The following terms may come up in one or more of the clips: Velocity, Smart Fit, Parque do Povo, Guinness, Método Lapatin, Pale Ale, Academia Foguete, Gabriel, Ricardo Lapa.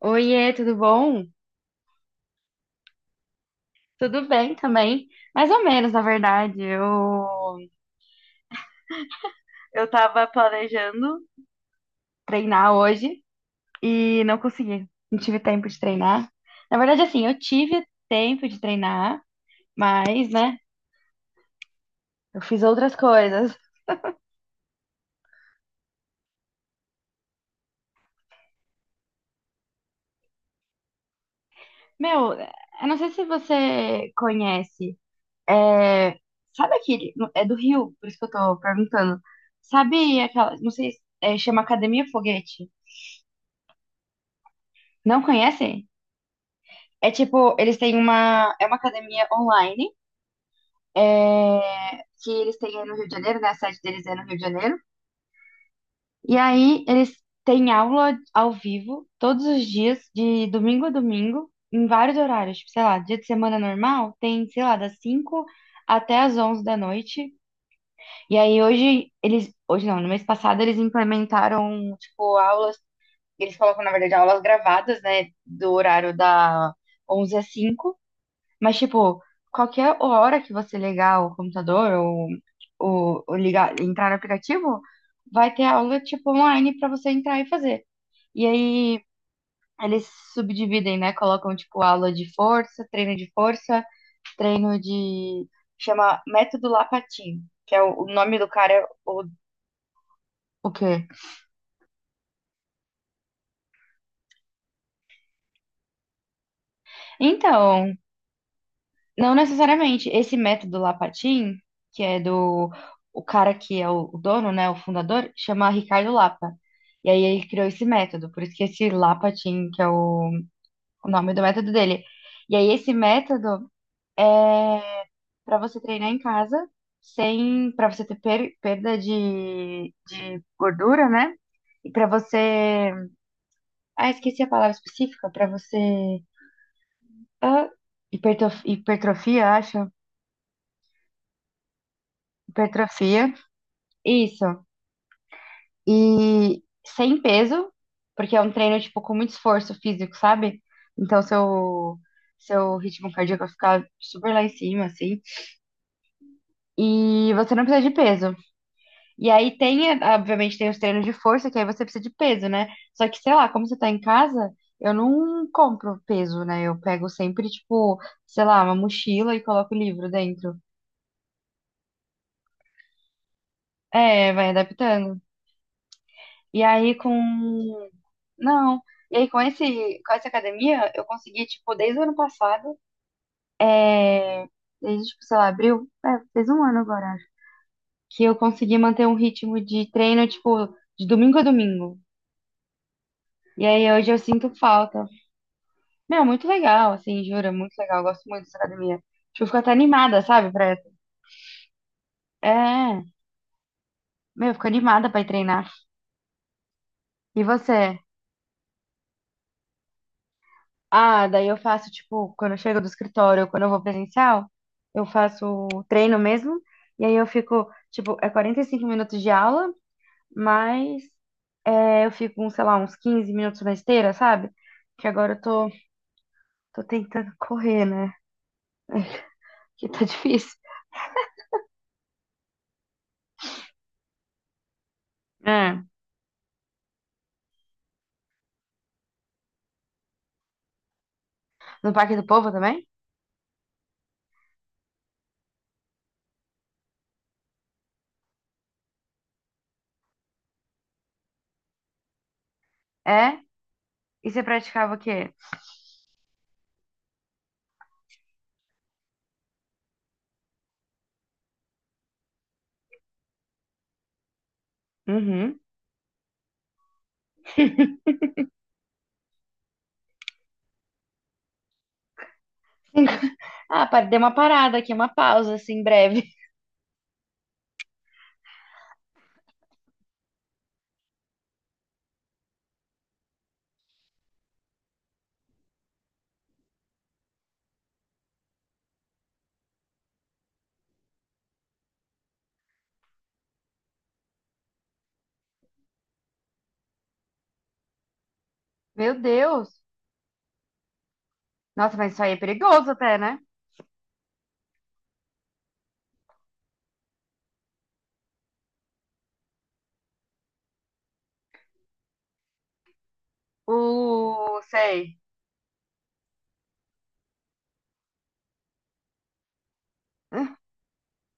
Oiê, tudo bom? Tudo bem também. Mais ou menos, na verdade. Eu tava planejando treinar hoje e não consegui. Não tive tempo de treinar. Na verdade, assim, eu tive tempo de treinar, mas, né, eu fiz outras coisas. Meu, eu não sei se você conhece. É, sabe aquele. É do Rio, por isso que eu tô perguntando. Sabe aquela. Não sei, é, chama Academia Foguete. Não conhece? É tipo, eles têm uma. É uma academia online, é, que eles têm aí no Rio de Janeiro, né? A sede deles é no Rio de Janeiro. E aí eles têm aula ao vivo todos os dias, de domingo a domingo, em vários horários. Tipo, sei lá, dia de semana normal, tem, sei lá, das 5 até as 11 da noite. E aí hoje eles. Hoje não, no mês passado eles implementaram, tipo, aulas. Eles colocam, na verdade, aulas gravadas, né? Do horário da 11 às cinco. Mas, tipo, qualquer hora que você ligar o computador ou ligar, entrar no aplicativo, vai ter aula, tipo, online pra você entrar e fazer. E aí eles subdividem, né? Colocam, tipo, aula de força, treino de força, treino de... Chama Método Lapatin, que é o nome do cara, é o quê? Então, não necessariamente. Esse método Lapatin, que é do o cara que é o dono, né, o fundador, chama Ricardo Lapa. E aí ele criou esse método, por isso que esse Lapatin, que é o nome do método dele. E aí esse método é para você treinar em casa, sem para você ter perda de gordura, né? E para você, ah, esqueci a palavra específica, para você ah, hipertrofia, acho. Hipertrofia, isso. E sem peso, porque é um treino, tipo, com muito esforço físico, sabe? Então, seu, seu ritmo cardíaco vai ficar super lá em cima, assim. E você não precisa de peso. E aí tem, obviamente, tem os treinos de força, que aí você precisa de peso, né? Só que, sei lá, como você tá em casa, eu não compro peso, né? Eu pego sempre, tipo, sei lá, uma mochila e coloco o livro dentro. É, vai adaptando. E aí com. Não. E aí com esse, com essa academia, eu consegui, tipo, desde o ano passado, é... desde, tipo, sei lá, abril, é, fez 1 ano agora, acho, que eu consegui manter um ritmo de treino, tipo, de domingo a domingo. E aí hoje eu sinto falta. Meu, muito legal, assim, juro, é muito legal. Eu gosto muito dessa academia. Tipo, eu fico até animada, sabe, pra... essa. É, meu, eu fico animada pra ir treinar. E você? Ah, daí eu faço, tipo, quando eu chego do escritório, ou quando eu vou presencial, eu faço o treino mesmo. E aí eu fico, tipo, é 45 minutos de aula, mas é, eu fico, uns, sei lá, uns 15 minutos na esteira, sabe? Que agora eu tô, tô tentando correr, né? Que tá difícil. É. No Parque do Povo também? É? E você praticava o quê? Uhum. Ah, dei uma parada aqui, uma pausa, assim, breve. Meu Deus! Nossa, mas isso aí é perigoso até, né? Sei. Hum,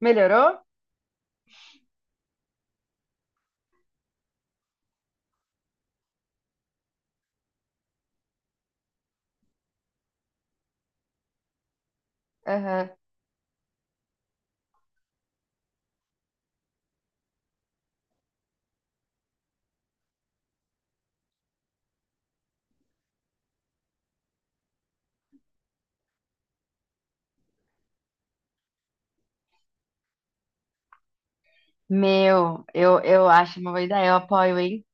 Melhorou? Aham. Meu, eu acho uma boa ideia, eu apoio, hein?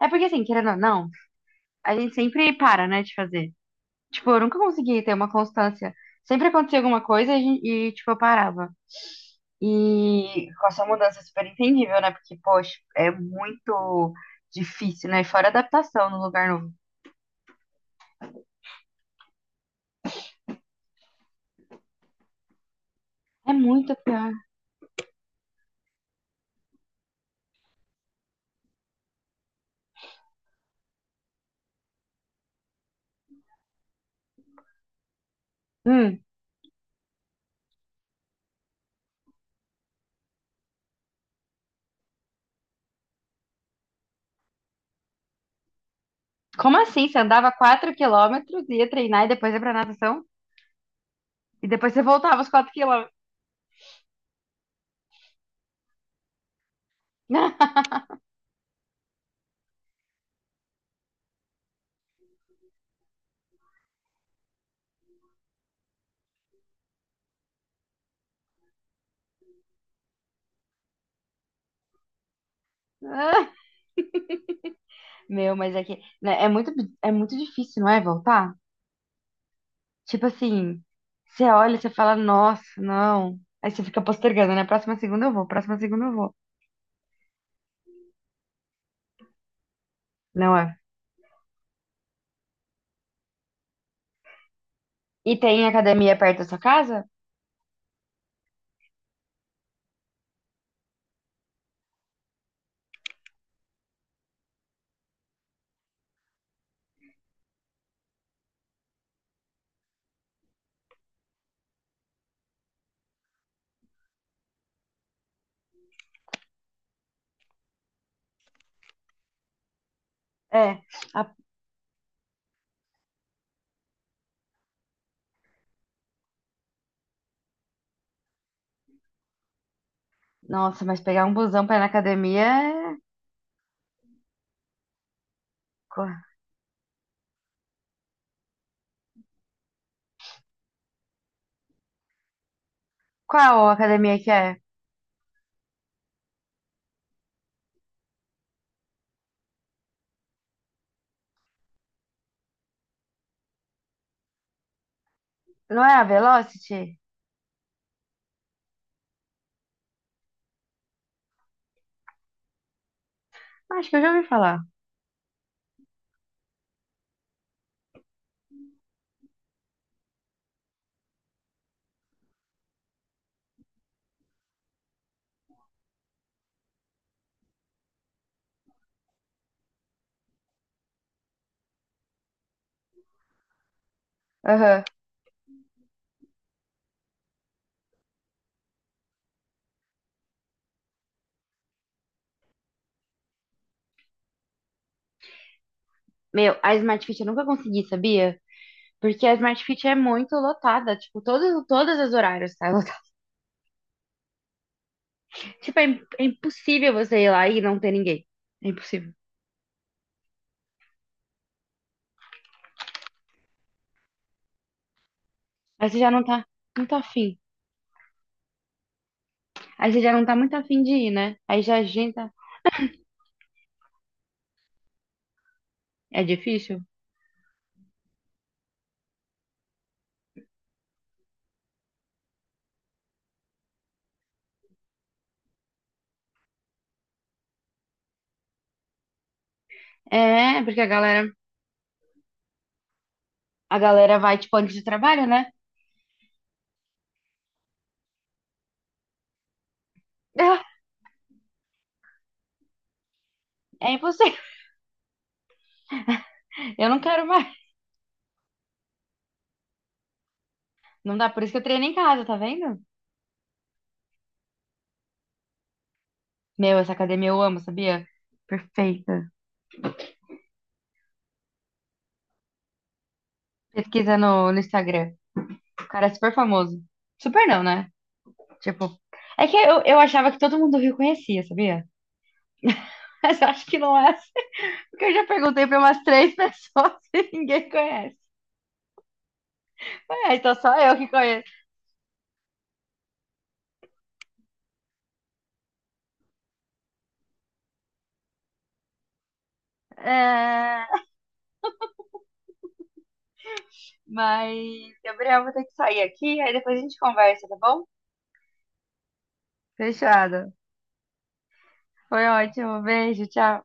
É porque, assim, querendo ou não, a gente sempre para, né, de fazer. Tipo, eu nunca consegui ter uma constância. Sempre acontecia alguma coisa e, a gente e, tipo, eu parava. E com essa mudança é super entendível, né? Porque, poxa, é muito difícil, né? Fora adaptação no lugar novo. É muito pior. Hum, como assim? Você andava 4 km, ia treinar e depois ia pra natação? E depois você voltava os 4 km. Ah, meu, mas é que né, é muito difícil, não é, voltar? Tipo assim, você olha, e você fala, nossa, não. Aí você fica postergando, né? Próxima segunda eu vou, próxima segunda eu vou. Não é? E tem academia perto da sua casa? É. A- Nossa, mas pegar um busão pra ir na academia é... Qu- Qual academia que é? Não é a Velocity? Acho que eu já ouvi falar. Aham. Meu, a Smart Fit eu nunca consegui, sabia? Porque a Smart Fit é muito lotada, tipo, todos, todas as horários, tá? Tipo, é, é impossível você ir lá e não ter ninguém. É impossível. Aí você já não tá muito afim. Aí você já não tá muito afim de ir, né? Aí já agenda. É difícil? É, porque a galera vai, tipo, antes do trabalho, né? Ah, é impossível. Eu não quero mais. Não dá, por isso que eu treino em casa, tá vendo? Meu, essa academia eu amo, sabia? Perfeita. Pesquisa no, no Instagram. O cara é super famoso. Super não, né? Tipo, é que eu achava que todo mundo do Rio conhecia, sabia? Mas eu acho que não é assim. Porque eu já perguntei para umas 3 pessoas e ninguém conhece. É, então só eu que conheço. É, mas, Gabriel, vou ter que sair aqui, aí depois a gente conversa, tá bom? Fechado. Foi ótimo. Beijo, tchau.